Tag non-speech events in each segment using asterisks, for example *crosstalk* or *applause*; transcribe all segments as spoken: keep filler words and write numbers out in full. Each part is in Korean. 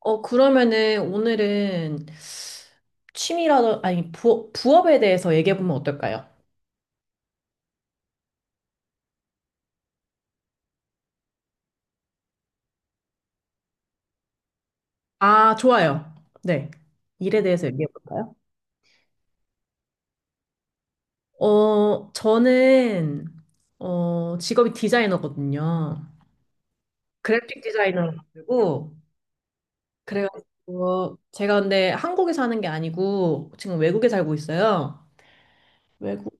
어, 그러면은 오늘은 취미라도, 아니, 부, 부업에 대해서 얘기해보면 어떨까요? 아, 좋아요. 네. 일에 대해서 얘기해볼까요? 어, 저는, 어, 직업이 디자이너거든요. 그래픽 디자이너라고. 그래가지고, 제가 근데 한국에 사는 게 아니고, 지금 외국에 살고 있어요. 외국에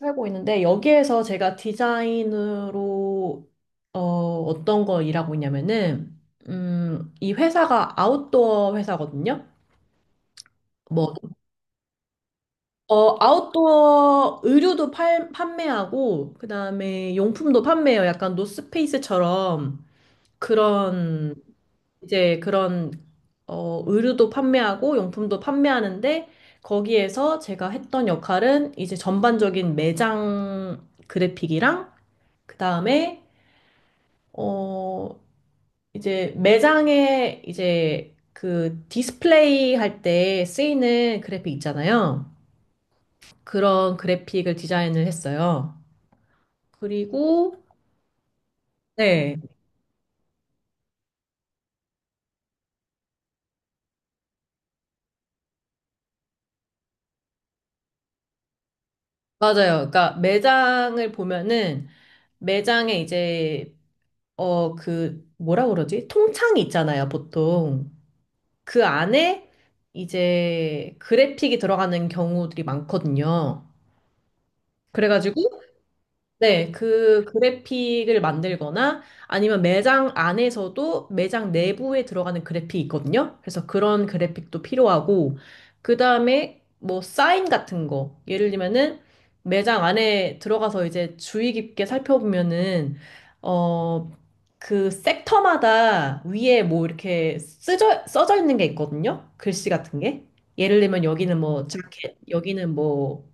살고 있는데 여기에서 제가 디자인으로 어, 어떤 거 일하고 있냐면은 음, 이 회사가 아웃도어 회사거든요. 뭐 어, 아웃도어 의류도 팔, 판매하고 그다음에 용품도 판매해요. 약간 노스페이스처럼 그런 이제 그런 어, 의류도 판매하고 용품도 판매하는데 거기에서 제가 했던 역할은 이제 전반적인 매장 그래픽이랑 그 다음에, 어, 이제 매장에 이제 그 디스플레이 할 때 쓰이는 그래픽 있잖아요. 그런 그래픽을 디자인을 했어요. 그리고, 네, 맞아요. 그러니까 매장을 보면은 매장에 이제, 어, 그, 뭐라 그러지? 통창이 있잖아요, 보통. 그 안에 이제 그래픽이 들어가는 경우들이 많거든요. 그래가지고, 네, 그 그래픽을 만들거나 아니면 매장 안에서도 매장 내부에 들어가는 그래픽이 있거든요. 그래서 그런 그래픽도 필요하고, 그 다음에 뭐 사인 같은 거. 예를 들면은 매장 안에 들어가서 이제 주의 깊게 살펴보면은, 어, 그 섹터마다 위에 뭐 이렇게 쓰져, 써져 있는 게 있거든요. 글씨 같은 게. 예를 들면 여기는 뭐 자켓, 여기는 뭐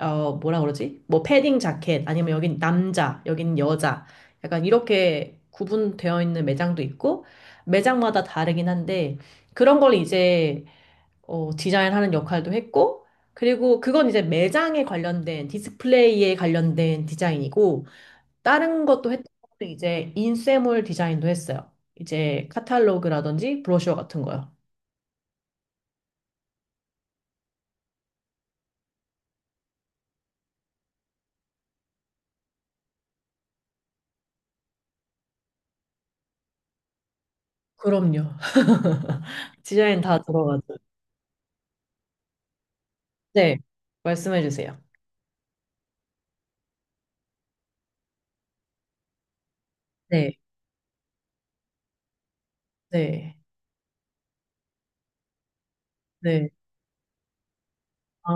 어, 뭐라 그러지? 뭐 패딩 자켓 아니면 여긴 남자, 여긴 여자. 약간 이렇게 구분되어 있는 매장도 있고 매장마다 다르긴 한데 그런 걸 이제 어, 디자인하는 역할도 했고 그리고 그건 이제 매장에 관련된 디스플레이에 관련된 디자인이고 다른 것도 했던 것도 이제 인쇄물 디자인도 했어요. 이제 카탈로그라든지 브로셔 같은 거요. 그럼요. *laughs* 디자인 다 들어가죠. 네, 말씀해 주세요. 네 네. 네. 아,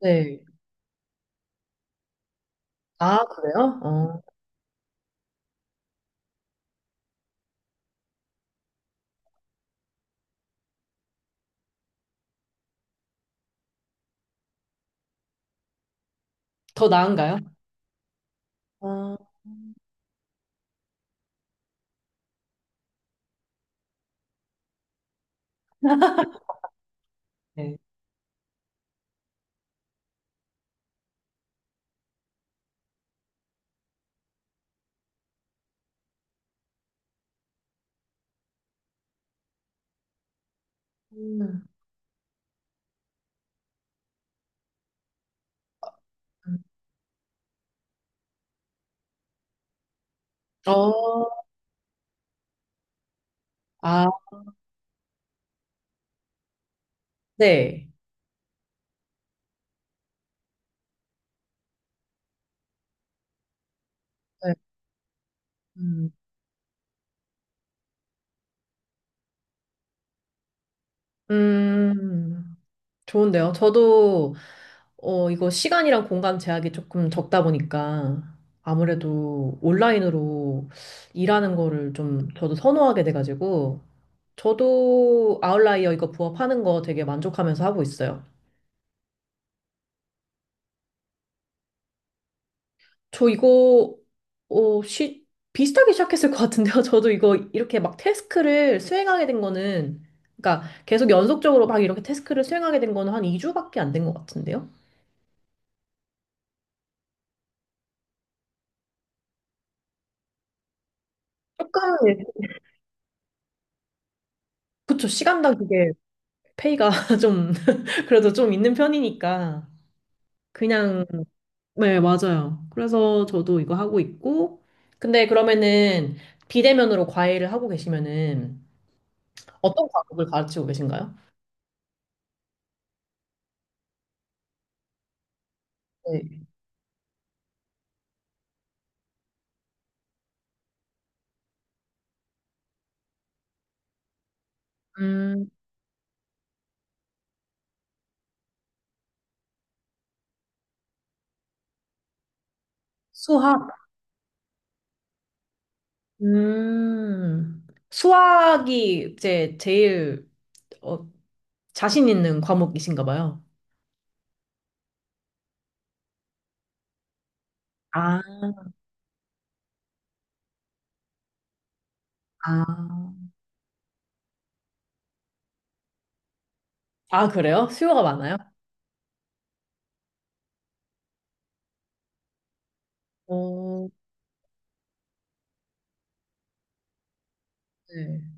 네. 아, 그래요? 어. 더 나은가요? 아, 네. 음. 어, 아, 네. 네. 음. 음, 좋은데요. 저도, 어, 이거 시간이랑 공간 제약이 조금 적다 보니까 아무래도 온라인으로 일하는 거를 좀 저도 선호하게 돼가지고 저도 아웃라이어 이거 부업하는 거 되게 만족하면서 하고 있어요. 저 이거 어, 시, 비슷하게 시작했을 것 같은데요. *laughs* 저도 이거 이렇게 막 태스크를 수행하게 된 거는 그러니까 계속 연속적으로 막 이렇게 태스크를 수행하게 된 거는 한 이 주밖에 안 된 것 같은데요. 조금 그쵸 시간당 그게 페이가 *laughs* 좀 그래도 좀 있는 편이니까 그냥 네 맞아요. 그래서 저도 이거 하고 있고 근데 그러면은 비대면으로 과외를 하고 계시면은 어떤 과목을 가르치고 계신가요? 네. 음, 수학. 음, 수학이 이제 제일 어, 자신 있는 과목이신가 봐요. 아, 아, 아, 그래요? 수요가 많아요? 오, 네.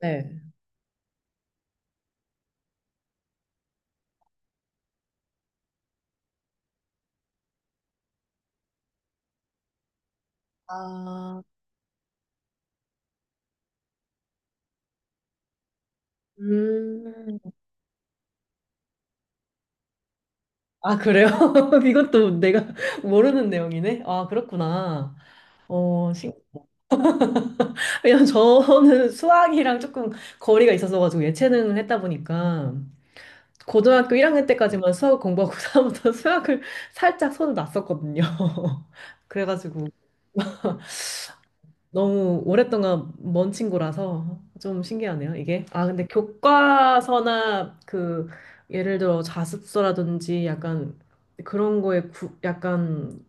네. 아, 음, 아, 그래요? *laughs* 이것도 내가 *laughs* 모르는 내용이네? 아, 그렇구나. 어, 신... 왜냐면 저는 수학이랑 조금 거리가 있어서 가지고 예체능을 했다 보니까 고등학교 일 학년 때까지만 수학을 공부하고 *laughs* 다음부터 수학을 살짝 손을 놨었거든요. *laughs* 그래가지고 너무 오랫동안 먼 친구라서 좀 신기하네요, 이게. 아, 근데 교과서나 그 예를 들어 자습서라든지 약간 그런 거에 구, 약간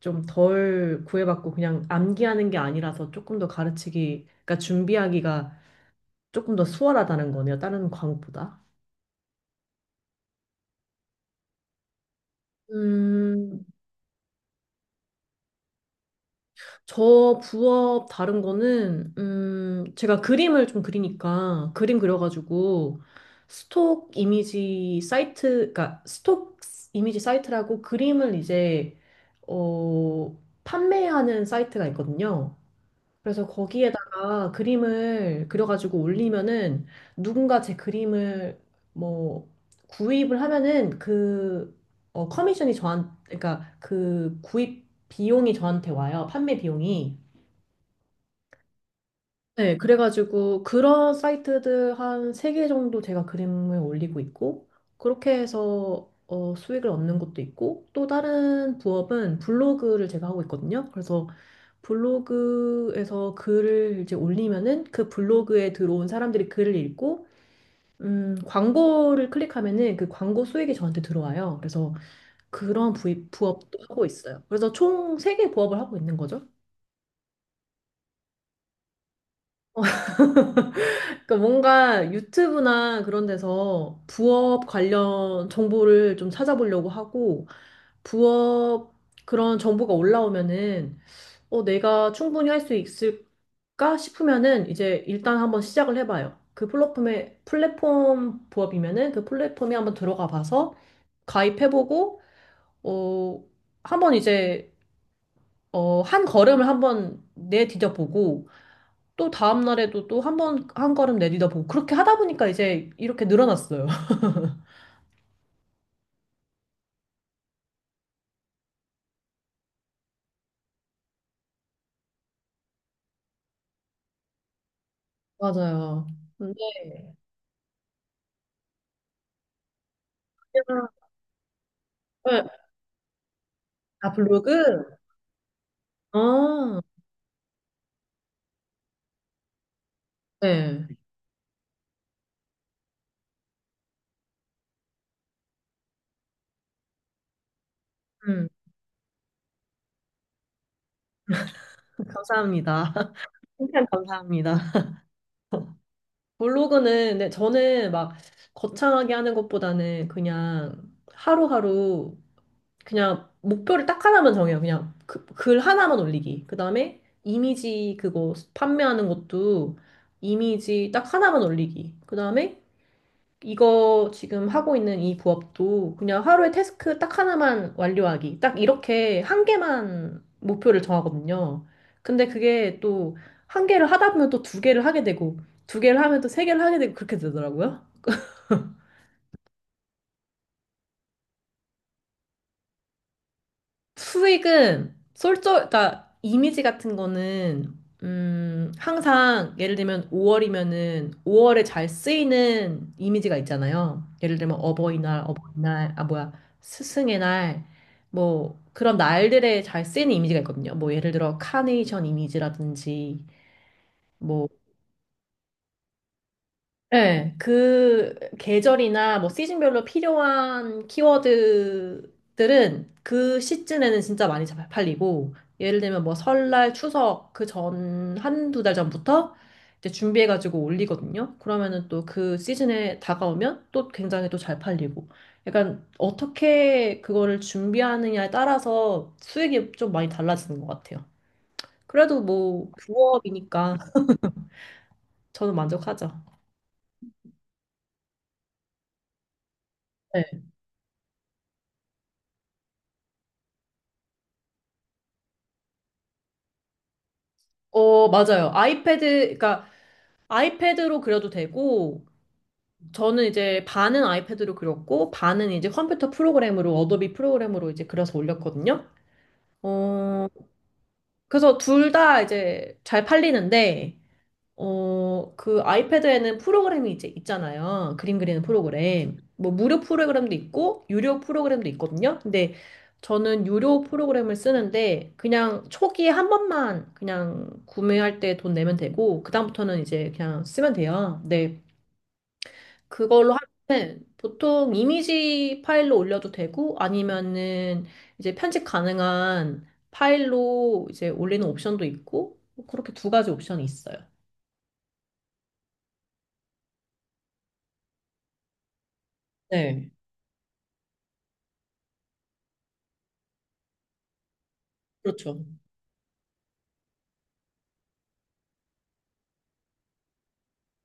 좀 덜 구애받고 그냥 암기하는 게 아니라서 조금 더 가르치기, 그러니까 준비하기가 조금 더 수월하다는 거네요, 다른 과목보다. 음, 저 부업 다른 거는 음 제가 그림을 좀 그리니까 그림 그려가지고 스톡 이미지 사이트 그러니까 스톡 이미지 사이트라고 그림을 이제 어 판매하는 사이트가 있거든요. 그래서 거기에다가 그림을 그려가지고 올리면은 누군가 제 그림을 뭐 구입을 하면은 그 어, 커미션이 저한 그러니까 그 구입 비용이 저한테 와요. 판매 비용이. 네, 그래가지고 그런 사이트들 한 세 개 정도 제가 그림을 올리고 있고 그렇게 해서 어, 수익을 얻는 것도 있고 또 다른 부업은 블로그를 제가 하고 있거든요. 그래서 블로그에서 글을 이제 올리면은 그 블로그에 들어온 사람들이 글을 읽고 음, 광고를 클릭하면은 그 광고 수익이 저한테 들어와요. 그래서 그런 부, 부업도 하고 있어요. 그래서 총 세 개 부업을 하고 있는 거죠. 그러니까 뭔가 유튜브나 그런 데서 부업 관련 정보를 좀 찾아보려고 하고, 부업 그런 정보가 올라오면은, 어, 내가 충분히 할 수 있을까 싶으면은, 이제 일단 한번 시작을 해봐요. 그 플랫폼에, 플랫폼 부업이면은 그 플랫폼에 한번 들어가 봐서 가입해보고, 어, 한번 이제, 어, 한 걸음을 한번 내디뎌보고, 또 다음 날에도 또 한 번, 한 걸음 내딛어 보고 그렇게 하다 보니까 이제 이렇게 늘어났어요. *laughs* 맞아요. 근데 그냥, 네. 아, 블로그? 어, 네. 음, *laughs* 감사합니다. *laughs* 칭찬 감사합니다. 블로그는 네, 저는 막 거창하게 하는 것보다는 그냥 하루하루 그냥 목표를 딱 하나만 정해요. 그냥 그, 글 하나만 올리기. 그다음에 이미지 그거 판매하는 것도 이미지 딱 하나만 올리기. 그다음에 이거 지금 하고 있는 이 부업도 그냥 하루에 태스크 딱 하나만 완료하기. 딱 이렇게 한 개만 목표를 정하거든요. 근데 그게 또 한 개를 하다 보면 또 두 개를 하게 되고, 두 개를 하면 또 세 개를 하게 되고, 그렇게 되더라고요. 수익은 솔저, 그러니까 이미지 같은 거는 음, 항상 예를 들면 오월이면은 오월에 잘 쓰이는 이미지가 있잖아요. 예를 들면 어버이날, 어버이날, 아 뭐야, 스승의 날, 뭐 그런 날들에 잘 쓰이는 이미지가 있거든요. 뭐 예를 들어 카네이션 이미지라든지 뭐 네, 그 계절이나 뭐 시즌별로 필요한 키워드들은 그 시즌에는 진짜 많이 잘 팔리고, 예를 들면 뭐 설날, 추석 그 전, 한두 달 전부터 이제 준비해가지고 올리거든요. 그러면은 또 그 시즌에 다가오면 또 굉장히 또 잘 팔리고. 약간 어떻게 그거를 준비하느냐에 따라서 수익이 좀 많이 달라지는 것 같아요. 그래도 뭐 부업이니까 저는 만족하죠. 어, 맞아요. 아이패드, 그러니까 아이패드로 그려도 되고, 저는 이제 반은 아이패드로 그렸고, 반은 이제 컴퓨터 프로그램으로, 어도비 프로그램으로 이제 그려서 올렸거든요. 어, 그래서 둘 다 이제 잘 팔리는데, 어, 그 아이패드에는 프로그램이 이제 있잖아요. 그림 그리는 프로그램. 뭐 무료 프로그램도 있고 유료 프로그램도 있거든요. 근데 저는 유료 프로그램을 쓰는데 그냥 초기에 한 번만 그냥 구매할 때 돈 내면 되고 그다음부터는 이제 그냥 쓰면 돼요. 네. 그걸로 하면 보통 이미지 파일로 올려도 되고 아니면은 이제 편집 가능한 파일로 이제 올리는 옵션도 있고 뭐 그렇게 두 가지 옵션이 있어요. 네. 그렇죠.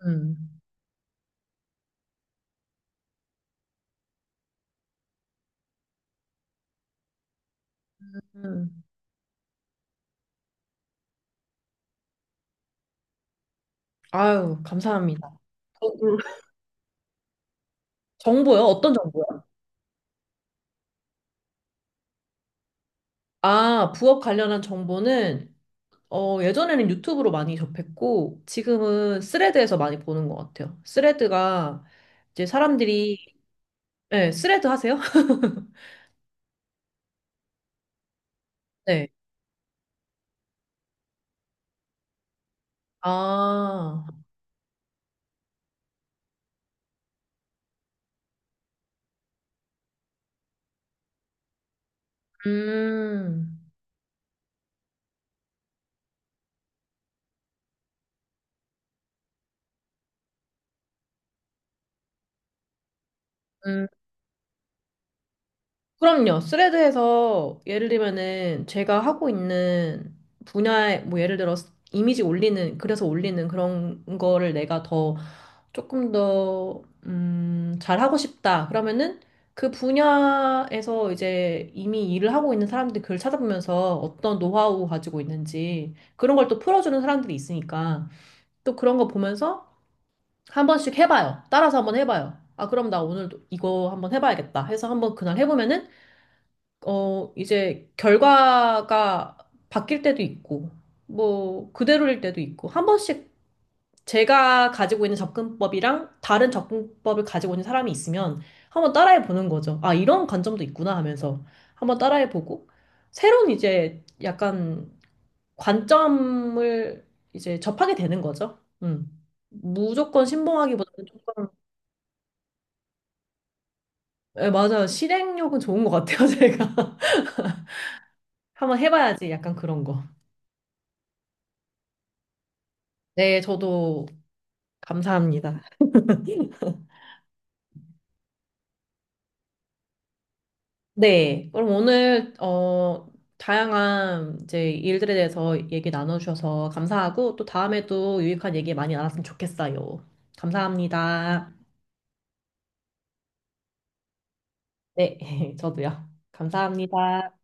음. 음. 아유, 감사합니다. 어, 음. 정보요? 어떤 정보요? 아, 부업 관련한 정보는 어, 예전에는 유튜브로 많이 접했고 지금은 스레드에서 많이 보는 것 같아요. 스레드가 이제 사람들이 네, 스레드 하세요? *laughs* 네. 아, 음, 음. 그럼요. 스레드에서 예를 들면은 제가 하고 있는 분야에 뭐 예를 들어 이미지 올리는 그래서 올리는 그런 거를 내가 더 조금 더 음, 잘하고 싶다. 그러면은 그 분야에서 이제 이미 일을 하고 있는 사람들 글을 찾아보면서 어떤 노하우 가지고 있는지 그런 걸 또 풀어주는 사람들이 있으니까 또 그런 거 보면서 한 번씩 해봐요. 따라서 한번 해봐요. 아, 그럼 나 오늘 이거 한번 해봐야겠다 해서 한번 그날 해보면은 어, 이제 결과가 바뀔 때도 있고, 뭐, 그대로일 때도 있고, 한 번씩 제가 가지고 있는 접근법이랑 다른 접근법을 가지고 있는 사람이 있으면 한번 따라해 보는 거죠. 아, 이런 관점도 있구나 하면서 한번 따라해 보고, 새로운 이제 약간 관점을 이제 접하게 되는 거죠. 음. 무조건 신봉하기보다는 조금, 예, 맞아요. 실행력은 좋은 것 같아요, 제가. *laughs* 한번 해봐야지, 약간 그런 거. 네, 저도 감사합니다. *laughs* 네, 그럼 오늘 어, 다양한 이제 일들에 대해서 얘기 나눠주셔서 감사하고 또 다음에도 유익한 얘기 많이 나눴으면 좋겠어요. 감사합니다. 네, *laughs* 저도요. 감사합니다.